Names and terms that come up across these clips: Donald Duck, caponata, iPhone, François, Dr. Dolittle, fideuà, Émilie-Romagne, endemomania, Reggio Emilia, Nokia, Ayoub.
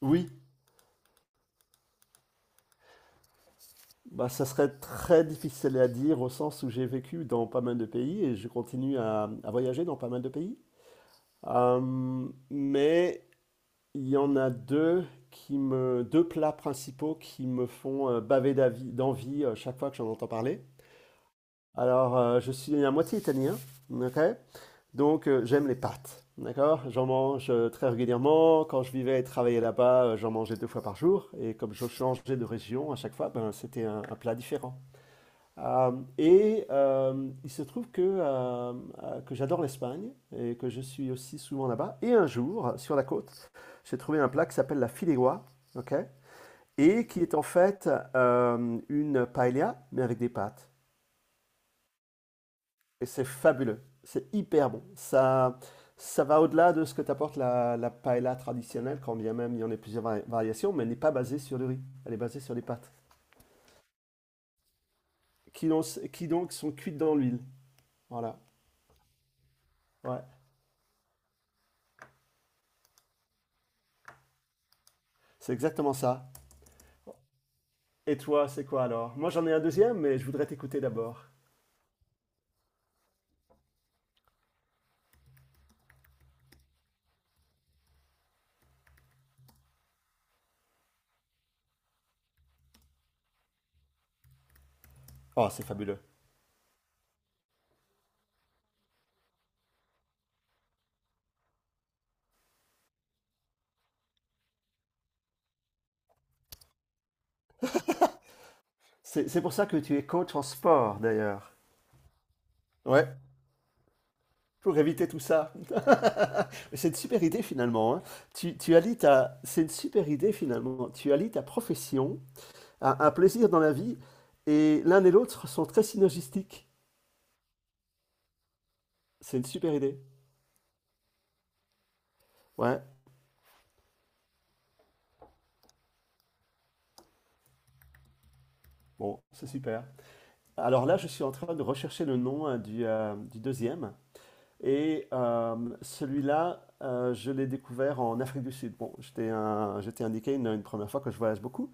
Oui, bah, ça serait très difficile à dire au sens où j'ai vécu dans pas mal de pays et je continue à voyager dans pas mal de pays. Euh, mais il y en a deux deux plats principaux qui me font baver d'envie chaque fois que j'en entends parler. Alors, je suis à moitié italien, ok? Donc, j'aime les pâtes, d'accord? J'en mange très régulièrement. Quand je vivais et travaillais là-bas, j'en mangeais deux fois par jour. Et comme je changeais de région à chaque fois, ben, c'était un plat différent. Euh, il se trouve que j'adore l'Espagne et que je suis aussi souvent là-bas. Et un jour, sur la côte, j'ai trouvé un plat qui s'appelle la fideuà, ok? Et qui est en fait une paella, mais avec des pâtes. Et c'est fabuleux, c'est hyper bon. Ça va au-delà de ce que t'apporte la paella traditionnelle, quand bien même il y en a plusieurs variations, mais elle n'est pas basée sur le riz, elle est basée sur les pâtes, qui, donc- qui donc sont cuites dans l'huile. Voilà, ouais, c'est exactement ça. Et toi, c'est quoi alors? Moi, j'en ai un deuxième, mais je voudrais t'écouter d'abord. Oh, c'est fabuleux. C'est pour ça que tu es coach en sport, d'ailleurs. Ouais. Pour éviter tout ça. C'est une super idée, finalement, hein. Tu allies ta... C'est une super idée, finalement. Tu allies ta profession à un plaisir dans la vie, et l'un et l'autre sont très synergistiques. C'est une super idée. Ouais. Bon, c'est super. Alors là, je suis en train de rechercher le nom, hein, du deuxième. Et euh, celui-là, je l'ai découvert en Afrique du Sud. Bon, je t'ai indiqué une première fois que je voyage beaucoup.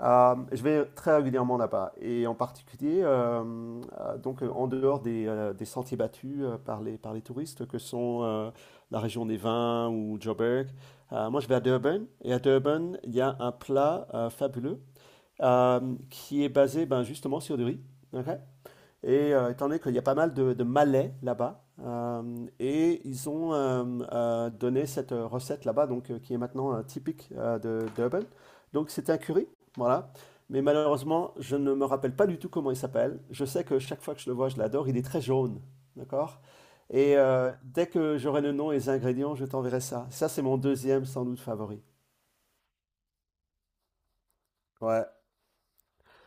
Je vais très régulièrement là-bas. Et en particulier, en dehors des sentiers battus par par les touristes que sont la région des vins ou Joburg, moi je vais à Durban. Et à Durban, il y a un plat fabuleux qui est basé, ben, justement sur du riz. Ok. Et étant donné qu'il y a pas mal de Malais là-bas, et ils ont donné cette recette là-bas, donc qui est maintenant typique de d'Urban. Donc c'était un curry, voilà. Mais malheureusement, je ne me rappelle pas du tout comment il s'appelle. Je sais que chaque fois que je le vois, je l'adore. Il est très jaune, d'accord? Dès que j'aurai le nom et les ingrédients, je t'enverrai ça. Ça, c'est mon deuxième sans doute favori. Ouais.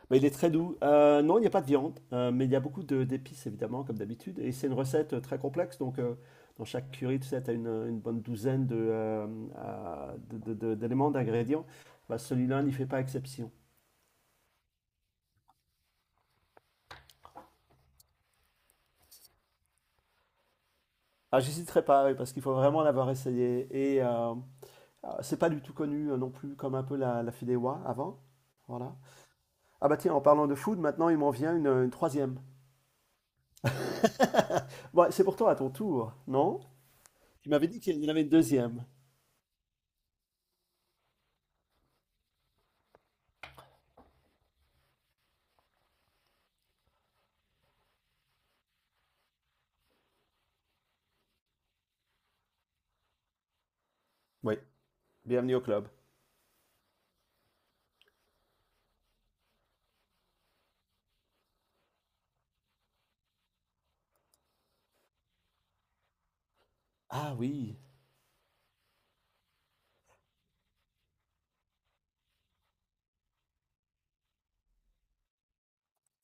Mais il est très doux. Non, il n'y a pas de viande, mais il y a beaucoup d'épices, évidemment, comme d'habitude. Et c'est une recette très complexe. Donc, dans chaque curry, tu sais, tu as une bonne douzaine d'éléments, d'ingrédients. Bah, celui-là n'y fait pas exception. Ah, j'hésiterai pas, oui, parce qu'il faut vraiment l'avoir essayé. Et euh, c'est pas du tout connu non plus, comme un peu la fideuà avant. Voilà. Ah bah tiens, en parlant de food, maintenant il m'en vient une troisième. Bon, c'est pourtant à ton tour, non? Tu m'avais dit qu'il y en avait une deuxième. Oui, bienvenue au club. Ah oui,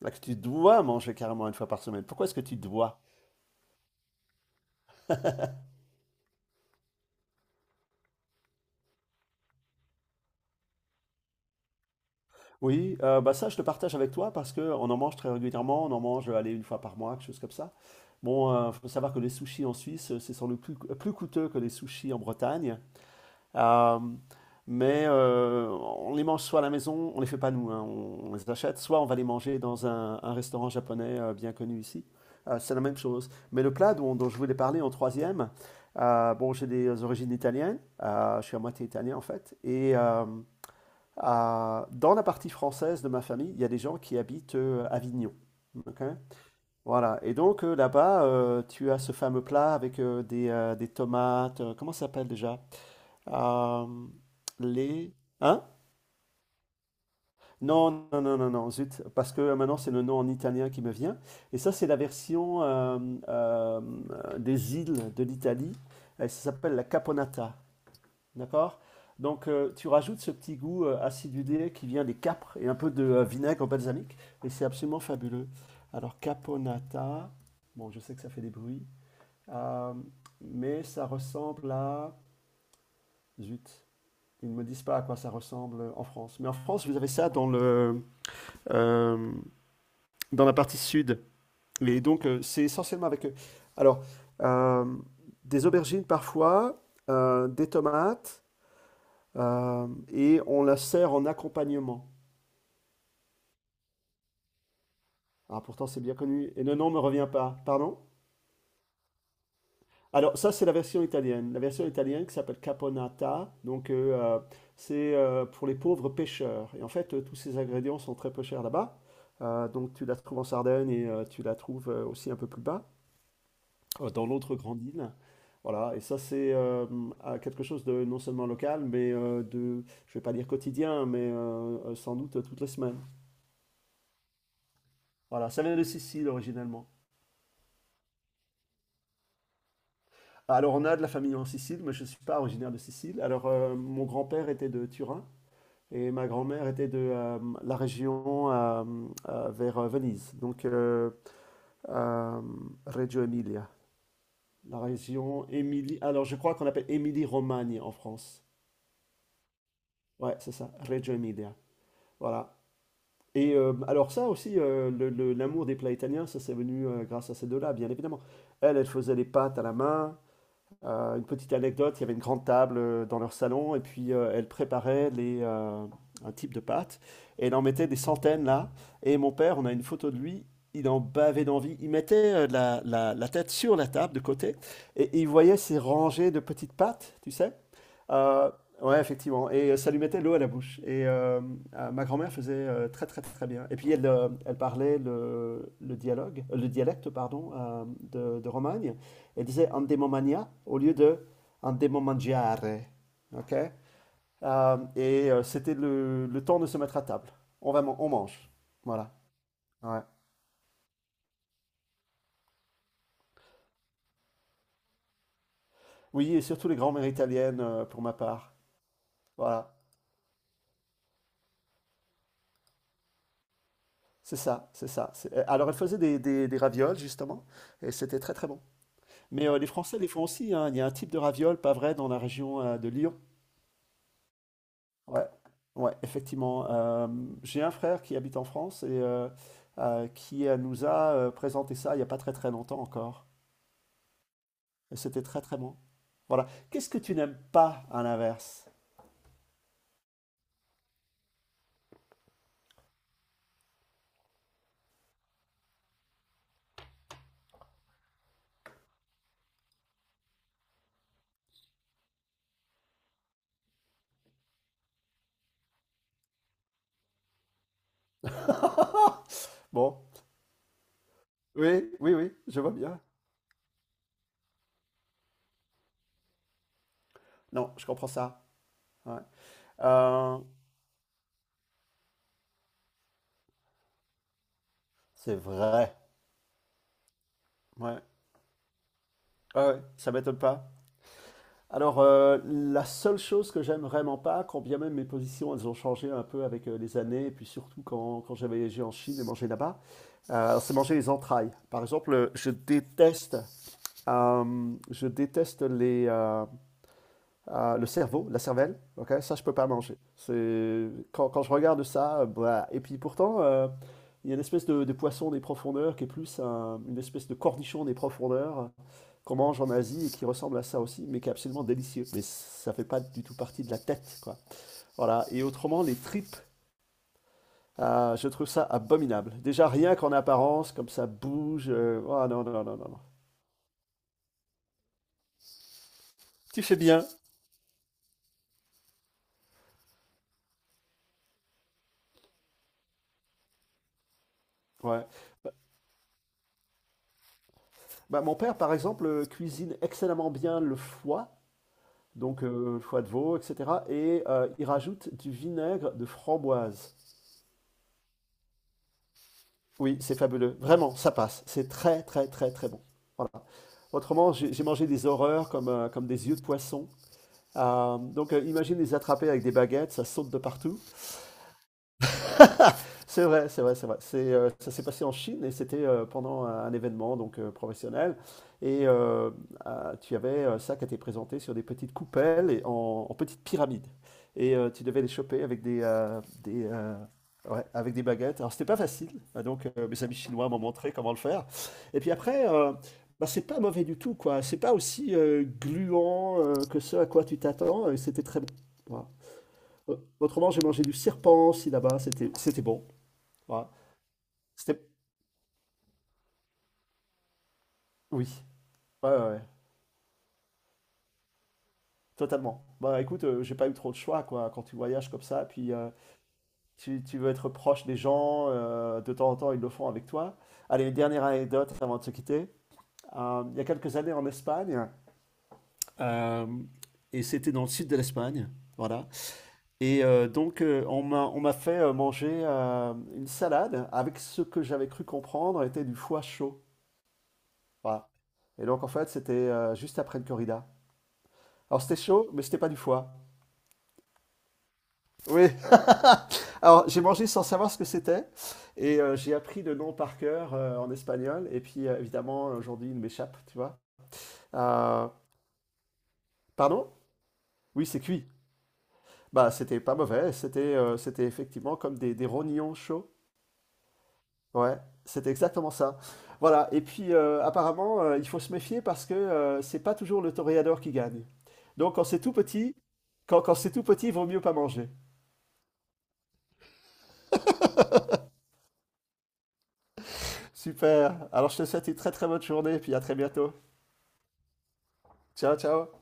ah, que tu dois manger carrément une fois par semaine. Pourquoi est-ce que tu dois? Oui, bah ça, je te partage avec toi parce que on en mange très régulièrement. On en mange, allez, une fois par mois, quelque chose comme ça. Bon, il faut savoir que les sushis en Suisse, c'est sans doute plus coûteux que les sushis en Bretagne. Euh, on les mange soit à la maison, on les fait pas nous, hein, on les achète, soit on va les manger dans un restaurant japonais bien connu ici. C'est la même chose. Mais le plat dont je voulais parler en troisième, bon, j'ai des origines italiennes, je suis à moitié italien en fait, dans la partie française de ma famille, il y a des gens qui habitent Avignon. Ok. Voilà, et donc là-bas, tu as ce fameux plat avec des tomates, comment ça s'appelle déjà? Euh, les... Hein? Non, non, non, non, non, zut, parce que maintenant c'est le nom en italien qui me vient. Et ça, c'est la version euh, des îles de l'Italie. Et ça s'appelle la caponata, d'accord? Donc tu rajoutes ce petit goût acidulé qui vient des capres et un peu de vinaigre balsamique, et c'est absolument fabuleux. Alors caponata, bon, je sais que ça fait des bruits, euh, mais ça ressemble à... Zut. Ils ne me disent pas à quoi ça ressemble en France. Mais en France, vous avez ça dans le, euh, dans la partie sud. Et donc, c'est essentiellement avec, eux. Alors, euh, des aubergines parfois, des tomates, et on la sert en accompagnement. Ah, pourtant, c'est bien connu. Et le nom ne me revient pas. Pardon? Alors, ça, c'est la version italienne. La version italienne qui s'appelle Caponata. Donc, c'est pour les pauvres pêcheurs. Et en fait, tous ces ingrédients sont très peu chers là-bas. Donc, tu la trouves en Sardaigne et tu la trouves aussi un peu plus bas, dans l'autre grande île. Voilà. Et ça, c'est à quelque chose de non seulement local, mais je vais pas dire quotidien, mais sans doute toutes les semaines. Voilà. Ça vient de Sicile originellement. Alors, on a de la famille en Sicile, mais je ne suis pas originaire de Sicile. Alors, mon grand-père était de Turin. Et ma grand-mère était de la région vers Venise, donc euh, Reggio Emilia. La région Émilie. Alors, je crois qu'on appelle Émilie-Romagne en France. Ouais, c'est ça, Reggio Emilia. Voilà. Alors, ça aussi, l'amour des plats italiens, ça c'est venu grâce à ces deux-là, bien évidemment. Elle, elle faisait les pâtes à la main. Une petite anecdote, il y avait une grande table dans leur salon et puis elle préparait les, un type de pâte et elle en mettait des centaines là. Et mon père, on a une photo de lui, il en bavait d'envie. Il mettait la tête sur la table de côté et il voyait ces rangées de petites pâtes, tu sais. Euh, ouais, effectivement. Ça lui mettait l'eau à la bouche. Ma grand-mère faisait très très très bien. Et puis elle, elle parlait le dialogue, le dialecte, pardon, de Romagne et disait endemomania au lieu de endemomangiare. Ok. C'était le temps de se mettre à table. On va, on mange. Voilà. Ouais. Oui, et surtout les grands-mères italiennes pour ma part. Voilà. C'est ça, c'est ça. Alors, elle faisait des ravioles, justement, et c'était très très bon. Mais les Français les font aussi, hein. Il y a un type de ravioles, pas vrai, dans la région de Lyon. Ouais, ouais, effectivement. J'ai un frère qui habite en France et qui nous a présenté ça il n'y a pas très très longtemps encore. Et c'était très très bon. Voilà. Qu'est-ce que tu n'aimes pas à l'inverse? Bon, oui, oui, oui, je vois bien. Non, je comprends ça. Ouais. Euh, c'est vrai. Ouais. Ouais, ouais, ça m'étonne pas. Alors, la seule chose que j'aime vraiment pas, quand bien même mes positions, elles ont changé un peu avec les années, et puis surtout quand j'ai voyagé en Chine et mangé là-bas, c'est manger les entrailles. Par exemple, je déteste, euh, je déteste les, euh, le cerveau, la cervelle. Ok, ça, je peux pas manger. C'est quand je regarde ça, bah, et puis pourtant, il y a une espèce de poisson des profondeurs qui est plus une espèce de cornichon des profondeurs qu'on mange en Asie et qui ressemble à ça aussi, mais qui est absolument délicieux. Mais ça fait pas du tout partie de la tête, quoi. Voilà. Et autrement, les tripes, ah, je trouve ça abominable. Déjà, rien qu'en apparence, comme ça bouge. Euh, ah non, non, non, non, non. Tu fais bien. Ouais. Bah, bah, mon père, par exemple, cuisine excellemment bien le foie, donc le foie de veau, etc. Il rajoute du vinaigre de framboise. Oui, c'est fabuleux. Vraiment, ça passe. C'est très, très, très, très bon. Voilà. Autrement, j'ai mangé des horreurs comme, comme des yeux de poisson. Donc, imagine les attraper avec des baguettes, ça saute de partout. C'est vrai, c'est vrai, c'est vrai. C'est, ça s'est passé en Chine et c'était pendant un événement donc professionnel. Et euh, tu avais ça qui était présenté sur des petites coupelles en petites pyramides. Tu devais les choper avec ouais, avec des baguettes. Alors c'était pas facile. Ah, donc mes amis chinois m'ont montré comment le faire. Et puis après, bah, c'est pas mauvais du tout, quoi. C'est pas aussi gluant que ce à quoi tu t'attends. Et c'était très bon. Voilà. Autrement, j'ai mangé du serpent aussi là-bas. C'était bon. Ouais. C'était oui, ouais, ouais, ouais, totalement. Bah écoute, j'ai pas eu trop de choix, quoi. Quand tu voyages comme ça, puis, tu veux être proche des gens, de temps en temps, ils le font avec toi. Allez, une dernière anecdote avant de se quitter. Il y a quelques années en Espagne, hem et c'était dans le sud de l'Espagne, voilà, on m'a fait, manger, une salade avec ce que j'avais cru comprendre était du foie chaud, voilà, et donc en fait, c'était, juste après une corrida. Alors c'était chaud, mais c'était pas du foie. Oui. Alors, j'ai mangé sans savoir ce que c'était et j'ai appris le nom par cœur en espagnol. Et puis, évidemment, aujourd'hui, il m'échappe, tu vois. Euh, pardon? Oui, c'est cuit. Bah, c'était pas mauvais. C'était c'était effectivement comme des rognons chauds. Ouais, c'était exactement ça. Voilà. Et puis, apparemment, il faut se méfier parce que c'est pas toujours le toréador qui gagne. Donc, quand c'est tout petit, quand c'est tout petit, il vaut mieux pas manger. Super. Alors, je te souhaite une très très bonne journée et puis à très bientôt. Ciao, ciao.